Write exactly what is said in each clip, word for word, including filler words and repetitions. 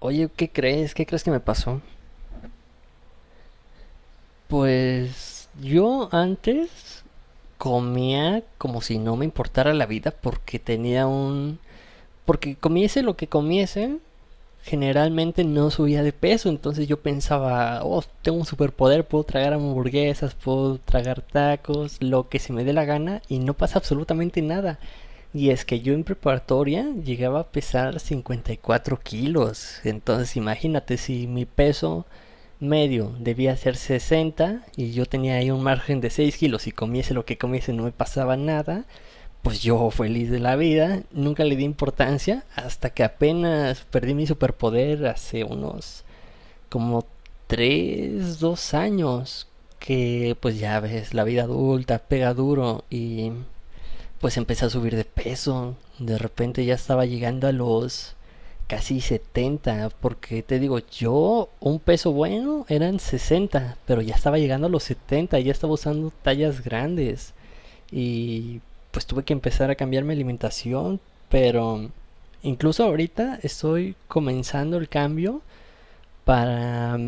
Oye, ¿qué crees? ¿Qué crees que me pasó? Pues yo antes comía como si no me importara la vida porque tenía un... porque comiese lo que comiese, generalmente no subía de peso. Entonces yo pensaba, oh, tengo un superpoder, puedo tragar hamburguesas, puedo tragar tacos, lo que se me dé la gana y no pasa absolutamente nada. Y es que yo en preparatoria llegaba a pesar cincuenta y cuatro kilos, entonces imagínate, si mi peso medio debía ser sesenta y yo tenía ahí un margen de seis kilos y comiese lo que comiese no me pasaba nada, pues yo feliz de la vida, nunca le di importancia hasta que apenas perdí mi superpoder hace unos como tres dos años, que pues ya ves, la vida adulta pega duro y pues empecé a subir de peso. De repente ya estaba llegando a los casi setenta, porque te digo, yo un peso bueno eran sesenta, pero ya estaba llegando a los setenta, ya estaba usando tallas grandes y pues tuve que empezar a cambiar mi alimentación, pero incluso ahorita estoy comenzando el cambio para,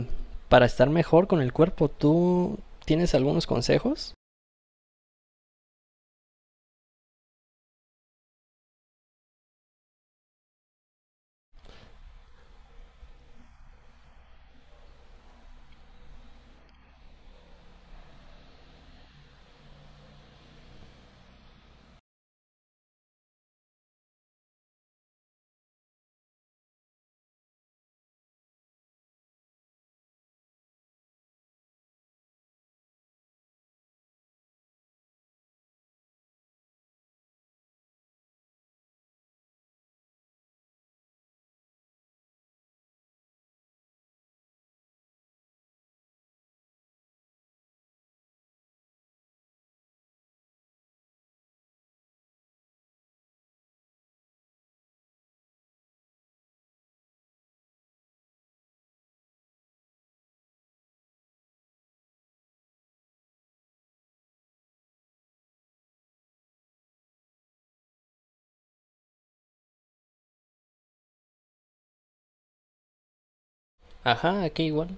para estar mejor con el cuerpo. ¿Tú tienes algunos consejos? Ajá, aquí igual.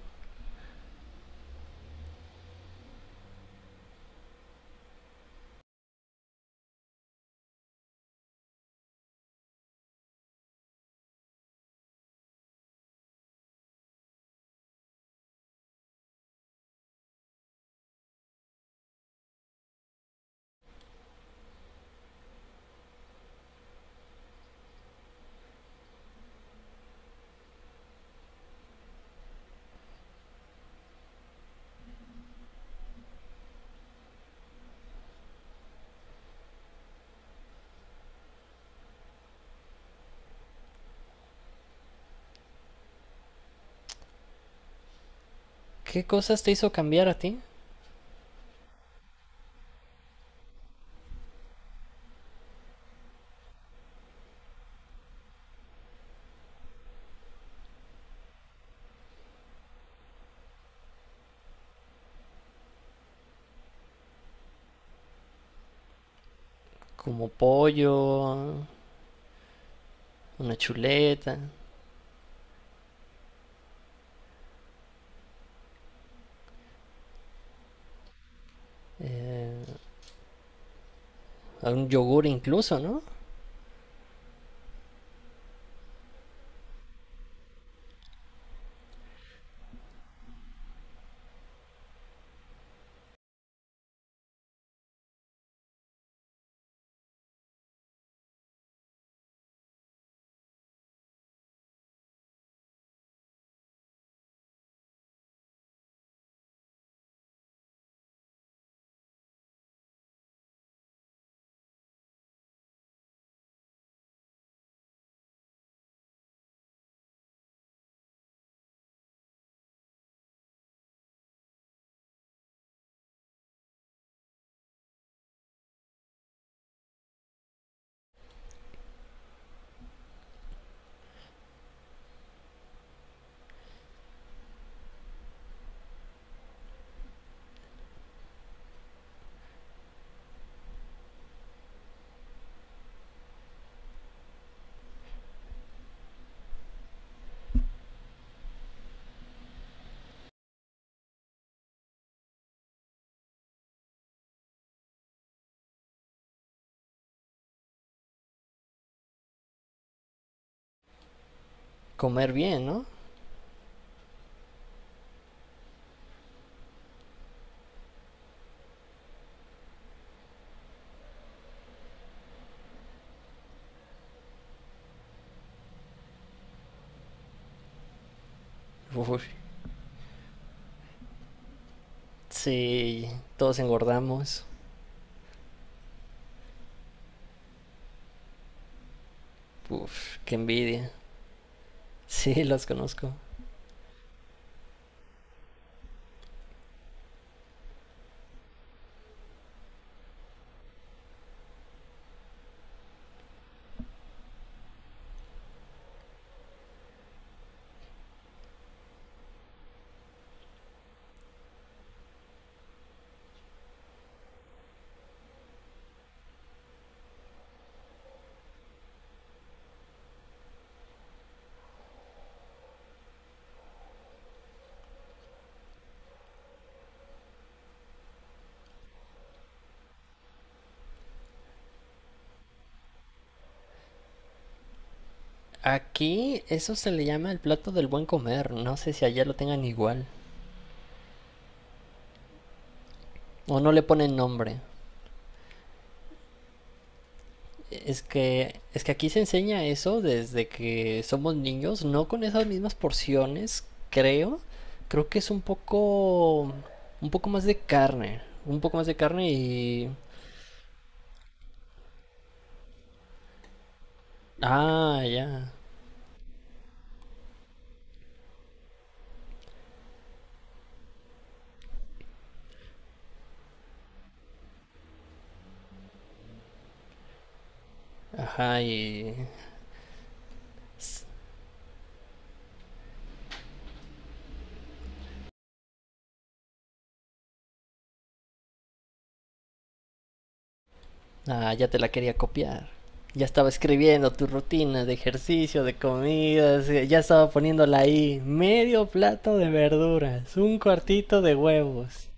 ¿Qué cosas te hizo cambiar a ti? Como pollo, una chuleta, un yogur incluso, ¿no? Comer bien, ¿no? Uf, sí, todos engordamos. Uf, qué envidia. Sí, los conozco. Aquí eso se le llama el plato del buen comer. No sé si allá lo tengan igual. O no le ponen nombre. Es que, es que aquí se enseña eso desde que somos niños, no con esas mismas porciones, creo. Creo que es un poco, un poco más de carne, un poco más de carne y, ah, ya, ajá, y ah, ya te la quería copiar. Ya estaba escribiendo tu rutina de ejercicio, de comidas, eh, ya estaba poniéndola ahí. Medio plato de verduras, un cuartito de huevos.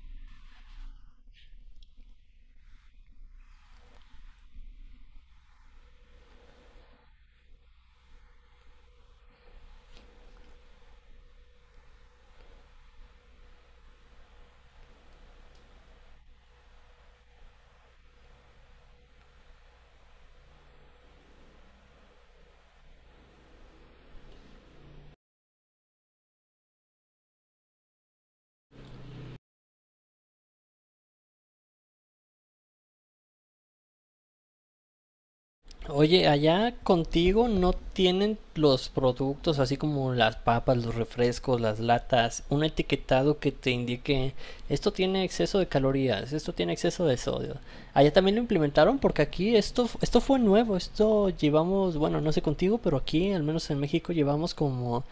Oye, allá contigo no tienen los productos, así como las papas, los refrescos, las latas, un etiquetado que te indique esto tiene exceso de calorías, esto tiene exceso de sodio. Allá también lo implementaron, porque aquí esto, esto fue nuevo, esto llevamos, bueno, no sé contigo, pero aquí, al menos en México, llevamos como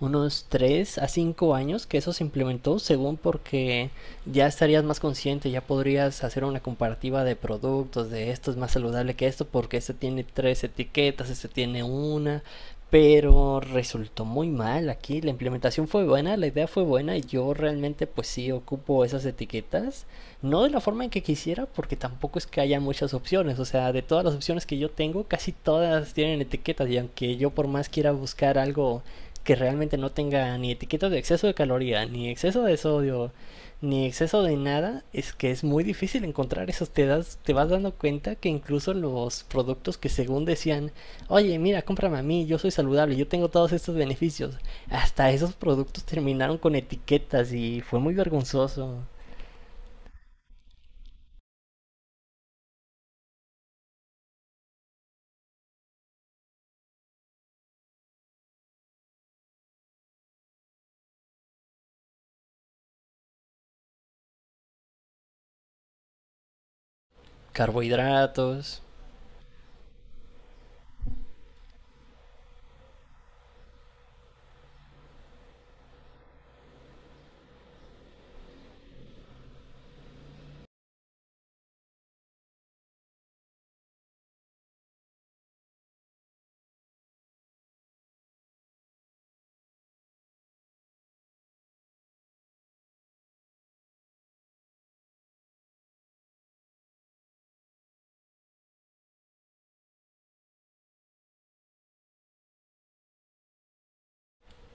unos tres a cinco años que eso se implementó, según porque ya estarías más consciente, ya podrías hacer una comparativa de productos, de esto es más saludable que esto porque este tiene tres etiquetas, este tiene una, pero resultó muy mal aquí. La implementación fue buena, la idea fue buena, y yo realmente pues sí ocupo esas etiquetas, no de la forma en que quisiera, porque tampoco es que haya muchas opciones. O sea, de todas las opciones que yo tengo, casi todas tienen etiquetas, y aunque yo por más quiera buscar algo que realmente no tenga ni etiquetas de exceso de caloría, ni exceso de sodio, ni exceso de nada, es que es muy difícil encontrar esos. Te, das, te vas dando cuenta que incluso los productos que según decían, oye, mira, cómprame a mí, yo soy saludable, yo tengo todos estos beneficios, hasta esos productos terminaron con etiquetas y fue muy vergonzoso. Carbohidratos,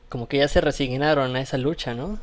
como que ya se resignaron a esa lucha, ¿no?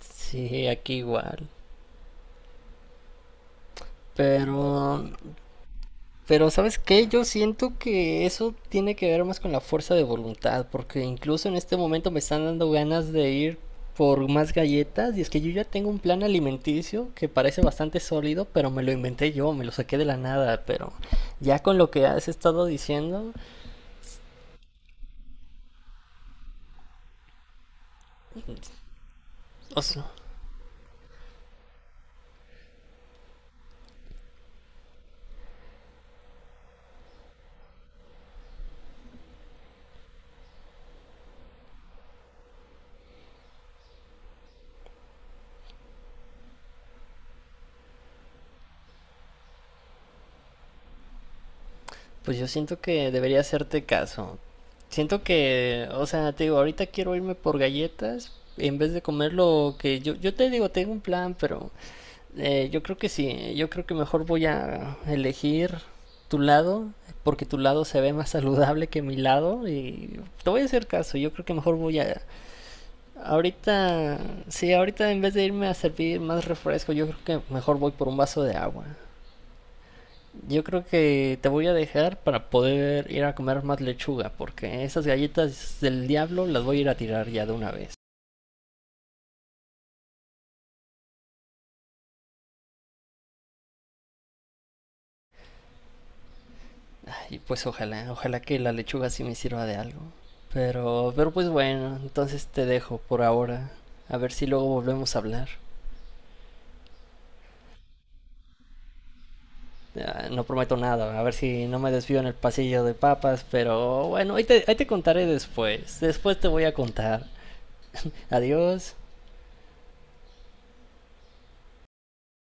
Sí, aquí igual. Pero Pero ¿sabes qué? Yo siento que eso tiene que ver más con la fuerza de voluntad, porque incluso en este momento me están dando ganas de ir por más galletas, y es que yo ya tengo un plan alimenticio que parece bastante sólido, pero me lo inventé yo, me lo saqué de la nada, pero ya con lo que has estado diciendo, o sea, pues yo siento que debería hacerte caso. Siento que, o sea, te digo, ahorita quiero irme por galletas en vez de comer lo que yo, yo, te digo, tengo un plan, pero Eh, yo creo que sí, yo creo que mejor voy a elegir tu lado, porque tu lado se ve más saludable que mi lado, y te voy a hacer caso, yo creo que mejor voy a... Ahorita, sí, ahorita en vez de irme a servir más refresco, yo creo que mejor voy por un vaso de agua. Yo creo que te voy a dejar para poder ir a comer más lechuga, porque esas galletas del diablo las voy a ir a tirar ya de una vez. Y pues ojalá, ojalá que la lechuga sí me sirva de algo. Pero, pero pues bueno, entonces te dejo por ahora. A ver si luego volvemos a hablar. Ah, no prometo nada, a ver si no me desvío en el pasillo de papas, pero bueno, ahí te, ahí te contaré después. Después te voy a contar. Adiós.